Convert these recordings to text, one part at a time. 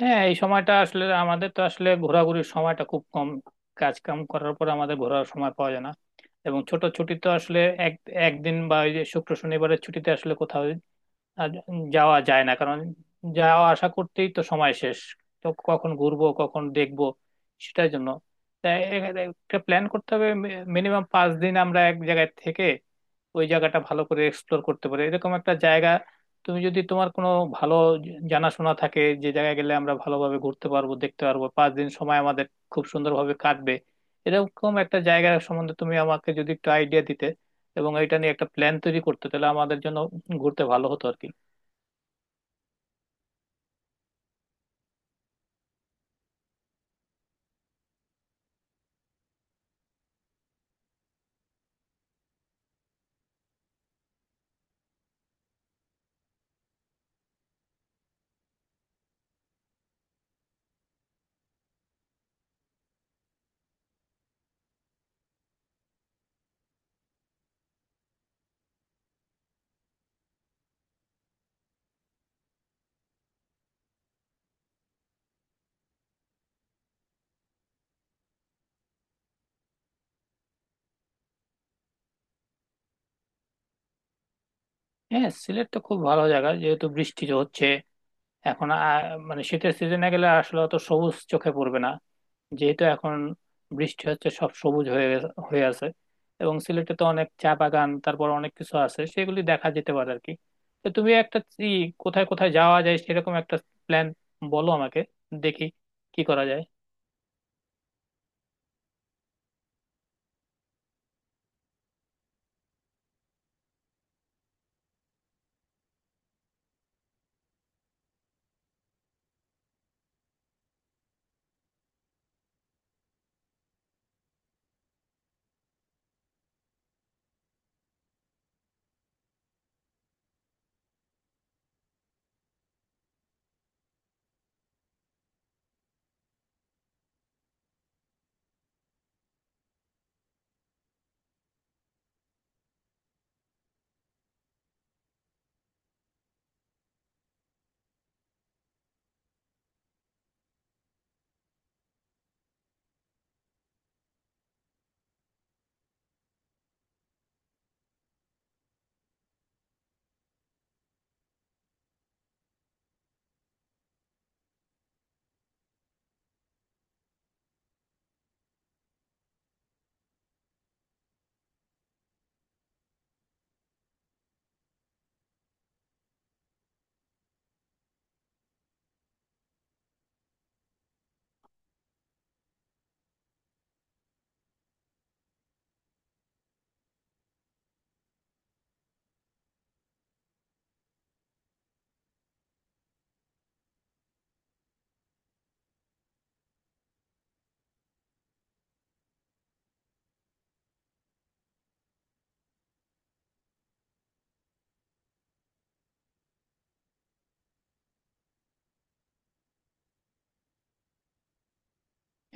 হ্যাঁ, এই সময়টা আসলে আমাদের তো আসলে ঘোরাঘুরির সময়টা খুব কম। কাজ কাম করার পর আমাদের ঘোরার সময় পাওয়া যায় না। এবং ছোট ছুটি তো আসলে এক একদিন বা ওই যে শুক্র শনিবারের ছুটিতে আসলে কোথাও আর যাওয়া যায় না, কারণ যাওয়া আসা করতেই তো সময় শেষ। তো কখন ঘুরবো, কখন দেখবো সেটার জন্য তাই একটা প্ল্যান করতে হবে। মিনিমাম 5 দিন আমরা এক জায়গায় থেকে ওই জায়গাটা ভালো করে এক্সপ্লোর করতে পারে, এরকম একটা জায়গা। তুমি যদি তোমার কোনো ভালো জানাশোনা থাকে, যে জায়গায় গেলে আমরা ভালোভাবে ঘুরতে পারবো, দেখতে পারবো, 5 দিন সময় আমাদের খুব সুন্দরভাবে কাটবে, এরকম একটা জায়গা সম্বন্ধে তুমি আমাকে যদি একটু আইডিয়া দিতে এবং এটা নিয়ে একটা প্ল্যান তৈরি করতে তাহলে আমাদের জন্য ঘুরতে ভালো হতো আর কি। হ্যাঁ, সিলেট তো খুব ভালো জায়গা। যেহেতু বৃষ্টি হচ্ছে এখন মানে শীতের সিজনে গেলে আসলে অত সবুজ চোখে পড়বে না। যেহেতু এখন বৃষ্টি হচ্ছে, সব সবুজ হয়ে হয়ে আছে। এবং সিলেটে তো অনেক চা বাগান, তারপর অনেক কিছু আছে, সেগুলি দেখা যেতে পারে আর কি। তো তুমি একটা ই কোথায় কোথায় যাওয়া যায় সেরকম একটা প্ল্যান বলো আমাকে, দেখি কি করা যায়।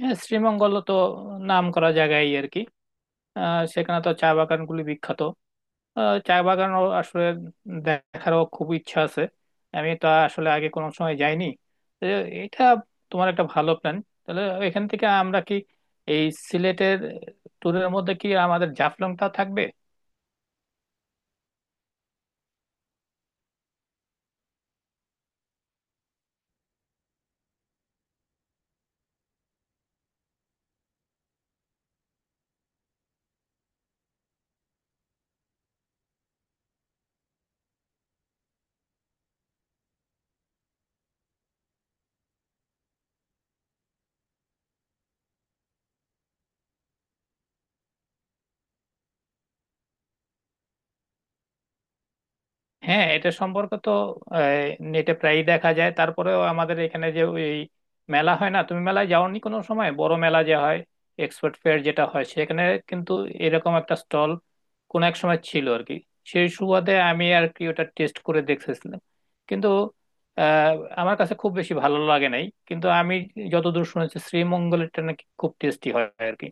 হ্যাঁ, শ্রীমঙ্গল তো নাম করা জায়গায় আর কি। সেখানে তো চা বাগানগুলি বিখ্যাত। চা বাগান আসলে দেখারও খুব ইচ্ছা আছে। আমি তো আসলে আগে কোনো সময় যাইনি। তো এটা তোমার একটা ভালো প্ল্যান। তাহলে এখান থেকে আমরা কি এই সিলেটের ট্যুরের মধ্যে কি আমাদের জাফলংটা থাকবে? হ্যাঁ, এটা সম্পর্ক তো নেটে প্রায়ই দেখা যায়। তারপরেও আমাদের এখানে যে এই মেলা হয় না, তুমি মেলায় যাওনি কোনো সময়, বড় মেলা যে হয় এক্সপোর্ট ফেয়ার যেটা হয় সেখানে, কিন্তু এরকম একটা স্টল কোন এক সময় ছিল আর কি। সেই সুবাদে আমি আর কি ওটা টেস্ট করে দেখেছিলাম, কিন্তু আহ, আমার কাছে খুব বেশি ভালো লাগে নাই। কিন্তু আমি যতদূর শুনেছি শ্রীমঙ্গলেরটা নাকি খুব টেস্টি হয় আর কি।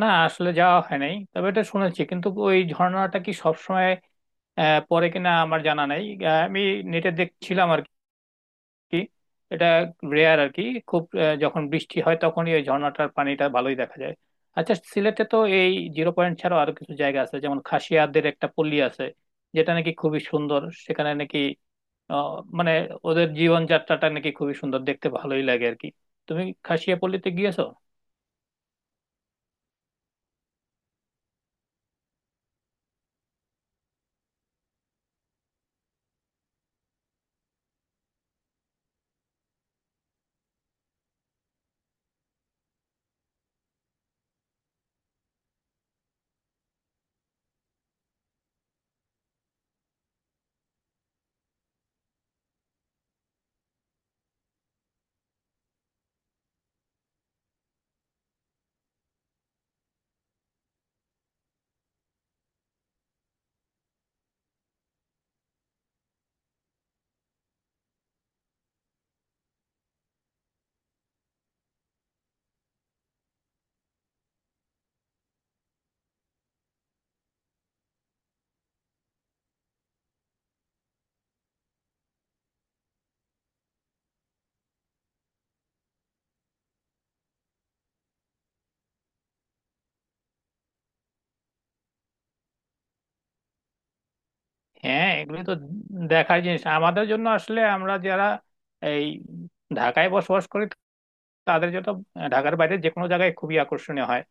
না, আসলে যাওয়া হয় নাই, তবে এটা শুনেছি। কিন্তু ওই ঝর্ণাটা কি সবসময় পরে কিনা আমার জানা নাই। আমি নেটে দেখছিলাম আর কি, এটা রেয়ার আর কি। খুব যখন বৃষ্টি হয় তখনই ওই ঝর্ণাটার পানিটা ভালোই দেখা যায়। আচ্ছা, সিলেটে তো এই জিরো পয়েন্ট ছাড়াও আরো কিছু জায়গা আছে, যেমন খাসিয়াদের একটা পল্লী আছে যেটা নাকি খুবই সুন্দর। সেখানে নাকি আহ, মানে ওদের জীবনযাত্রাটা নাকি খুবই সুন্দর, দেখতে ভালোই লাগে আর কি। তুমি খাসিয়া পল্লীতে গিয়েছো? হ্যাঁ, এগুলো তো দেখার জিনিস। আমাদের জন্য আসলে, আমরা যারা এই ঢাকায় বসবাস করি তাদের জন্য ঢাকার বাইরে যে কোনো জায়গায় খুবই আকর্ষণীয় হয়,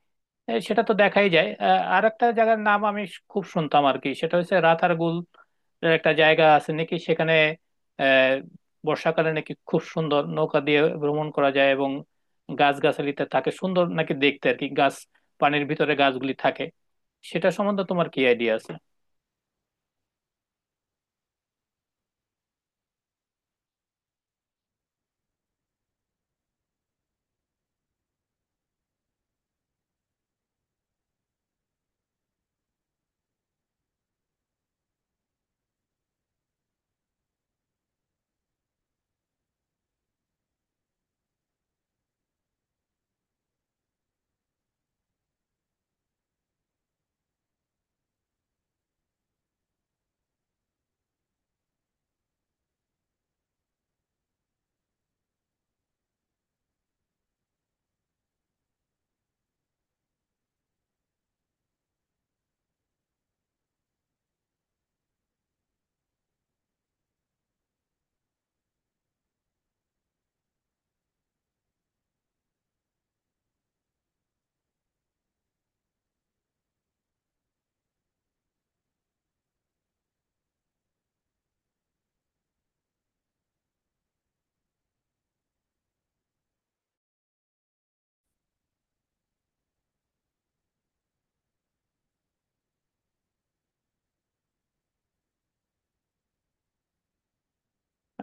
সেটা তো দেখাই যায়। আর একটা জায়গার নাম আমি খুব শুনতাম আর কি, সেটা হচ্ছে রাতারগুল। এর একটা জায়গা আছে নাকি, সেখানে আহ বর্ষাকালে নাকি খুব সুন্দর নৌকা দিয়ে ভ্রমণ করা যায় এবং গাছগাছালিতে থাকে সুন্দর নাকি দেখতে আর কি, গাছ পানির ভিতরে গাছগুলি থাকে। সেটা সম্বন্ধে তোমার কি আইডিয়া আছে?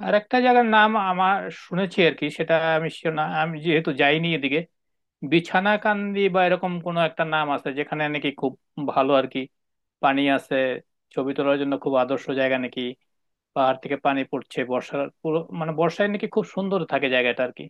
আর একটা জায়গার নাম আমার শুনেছি আর কি, সেটা আমি sure না, আমি যেহেতু যাইনি এদিকে। বিছানাকান্দি বা এরকম কোনো একটা নাম আছে যেখানে নাকি খুব ভালো আর কি পানি আছে, ছবি তোলার জন্য খুব আদর্শ জায়গা নাকি, পাহাড় থেকে পানি পড়ছে বর্ষার পুরো মানে বর্ষায় নাকি খুব সুন্দর থাকে জায়গাটা আর কি।